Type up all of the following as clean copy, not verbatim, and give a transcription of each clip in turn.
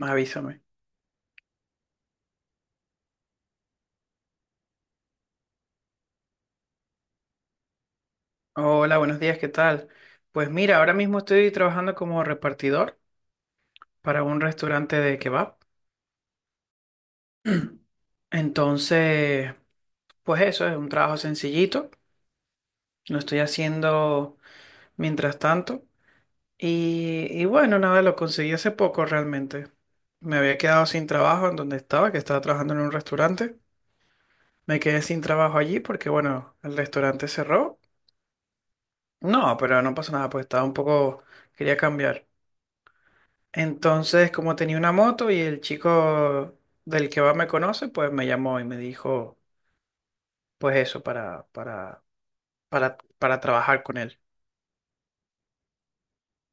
Avísame. Hola, buenos días, ¿qué tal? Pues mira, ahora mismo estoy trabajando como repartidor para un restaurante de kebab. Entonces, pues eso es un trabajo sencillito. Lo estoy haciendo mientras tanto. Y bueno, nada, lo conseguí hace poco realmente. Me había quedado sin trabajo en donde estaba, que estaba trabajando en un restaurante. Me quedé sin trabajo allí porque, bueno, el restaurante cerró. No, pero no pasa nada, pues estaba un poco, quería cambiar. Entonces, como tenía una moto y el chico del que va me conoce, pues me llamó y me dijo, pues eso, para trabajar con él.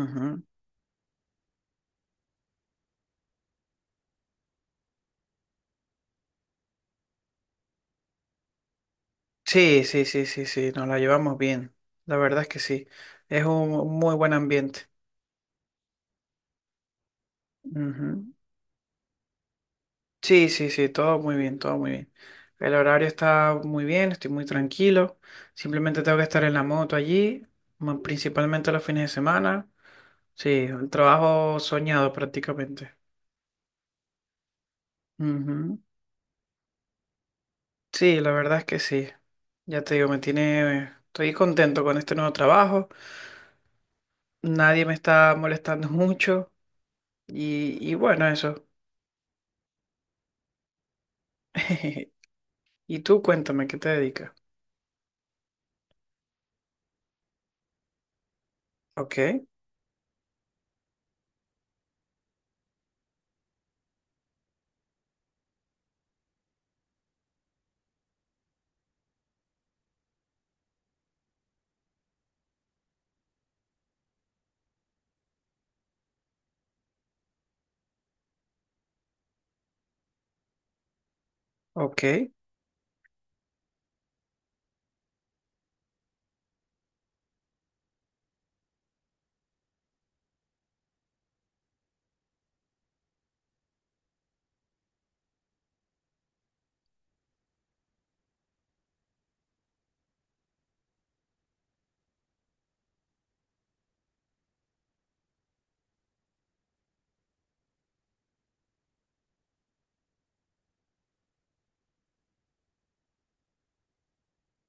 Ujú. Sí, sí, sí, sí, sí, nos la llevamos bien. La verdad es que sí. Es un muy buen ambiente. Ujú. Sí, sí, sí, todo muy bien, todo muy bien. El horario está muy bien, estoy muy tranquilo. Simplemente tengo que estar en la moto allí, principalmente los fines de semana. Sí, un trabajo soñado prácticamente. Ujú. Sí, la verdad es que sí. Ya te digo, me tiene, estoy contento con este nuevo trabajo. Nadie me está molestando mucho y bueno, eso. Y tú cuéntame, ¿qué te dedicas? Ok, ok,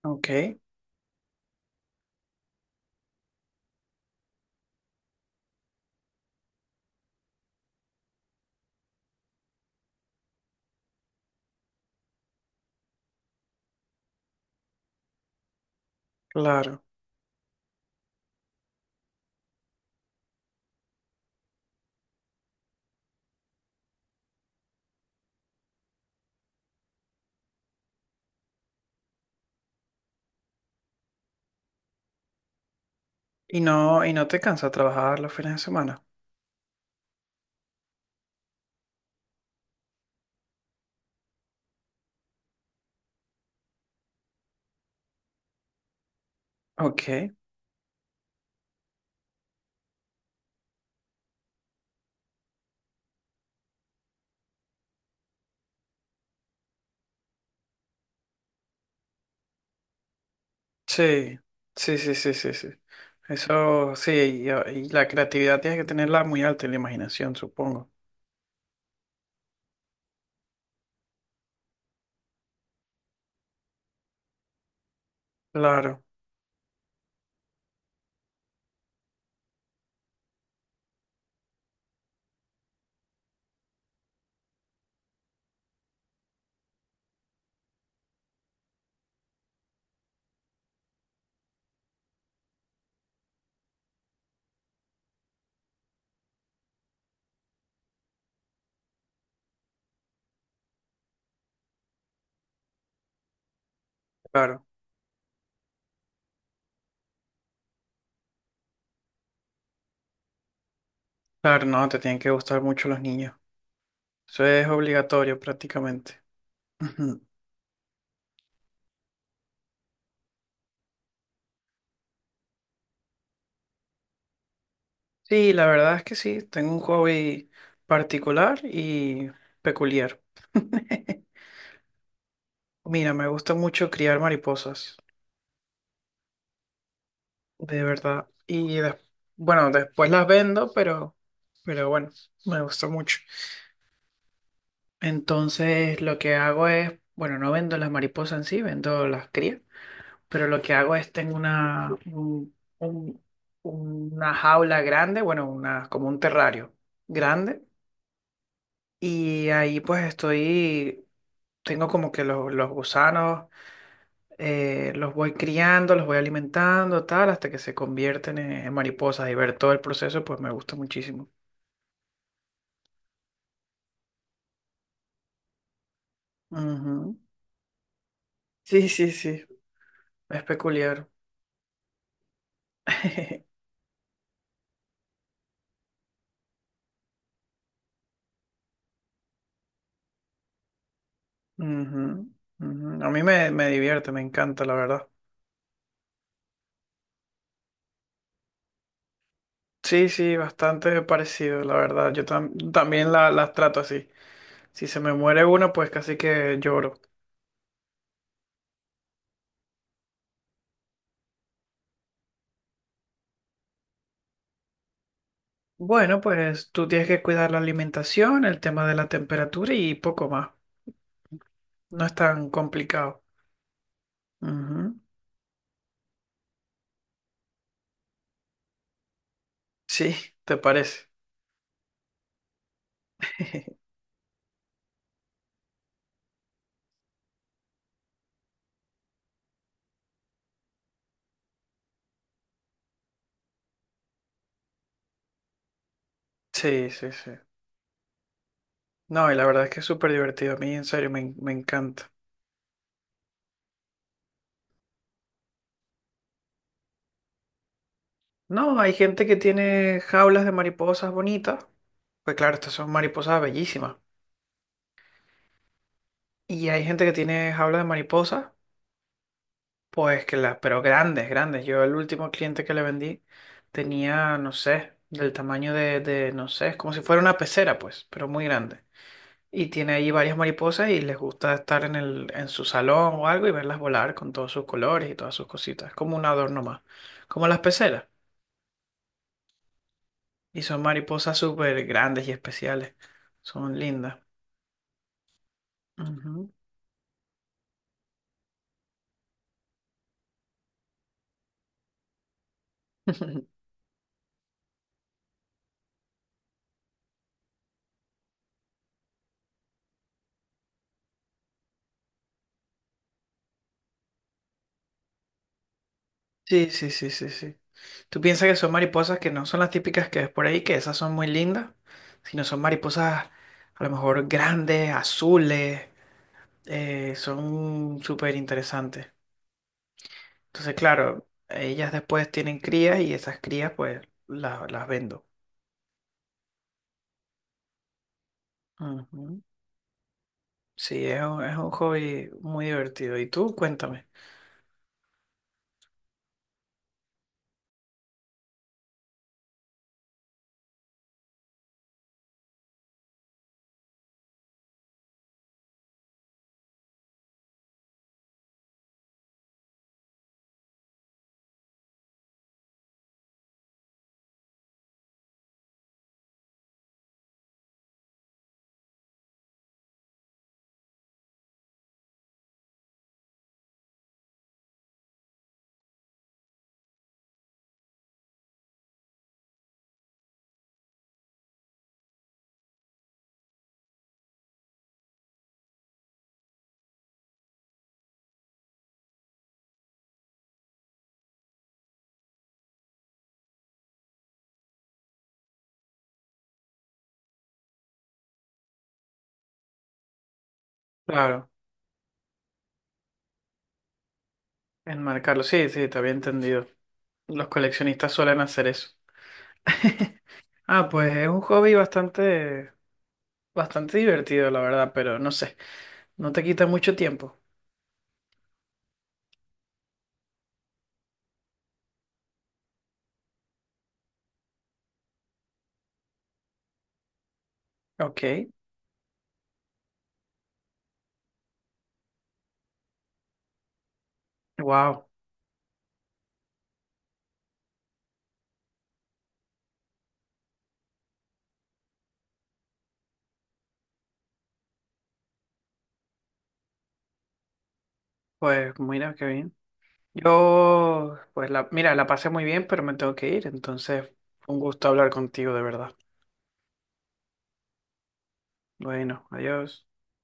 ok, claro. Y no te cansa trabajar los fines de semana. Ok, sí, sí, sí, sí, sí, sí. Eso sí, y la creatividad tienes que tenerla muy alta y la imaginación, supongo. Claro, claro, claro, no, te tienen que gustar mucho los niños. Eso es obligatorio prácticamente. Ujú. Sí, la verdad es que sí, tengo un hobby particular y peculiar. Mira, me gusta mucho criar mariposas, de verdad. Bueno, después las vendo, pero bueno, me gusta mucho. Entonces, lo que hago es, bueno, no vendo las mariposas en sí, vendo las crías, pero lo que hago es tengo una, un- una jaula grande, bueno, una, como un terrario grande. Y ahí pues estoy, tengo como que los gusanos, los voy criando, los voy alimentando, tal, hasta que se convierten en mariposas y ver todo el proceso pues me gusta muchísimo. Ujú. Sí, sí, sí, es peculiar. Ujú, ujú. A mí me, me divierte, me encanta, la verdad. Sí, sí, bastante parecido, la verdad. Yo también las trato así. Si se me muere uno, pues casi que lloro. Bueno, pues tú tienes que cuidar la alimentación, el tema de la temperatura y poco más. No es tan complicado. Ujú. Sí, ¿te parece? Sí, sí, sí. No, y la verdad es que es súper divertido. A mí, en serio, me, me encanta. No, hay gente que tiene jaulas de mariposas bonitas. Pues claro, estas son mariposas bellísimas. Y hay gente que tiene jaulas de mariposas. Pues que las, pero grandes, grandes. Yo el último cliente que le vendí tenía, no sé, del tamaño de, no sé, es como si fuera una pecera, pues, pero muy grande. Y tiene ahí varias mariposas y les gusta estar en el, en su salón o algo y verlas volar con todos sus colores y todas sus cositas. Es como un adorno más, como las peceras. Y son mariposas súper grandes y especiales. Son lindas. Ujú. Sí, sí, sí, sí, sí. Tú piensas que son mariposas que no son las típicas que ves por ahí, que esas son muy lindas, sino son mariposas a lo mejor grandes, azules, son súper interesantes. Entonces, claro, ellas después tienen crías y esas crías pues las vendo. Ujú. Sí, es un hobby muy divertido. ¿Y tú? Cuéntame. Claro, enmarcarlo. Sí, sí, te había entendido. Los coleccionistas suelen hacer eso. Ah, pues es un hobby bastante. Bastante divertido, la verdad, pero no sé, no te quita mucho tiempo. Ok, wow, pues mira qué bien. Yo, pues la, mira, la pasé muy bien, pero me tengo que ir, entonces fue un gusto hablar contigo, de verdad. Bueno, adiós.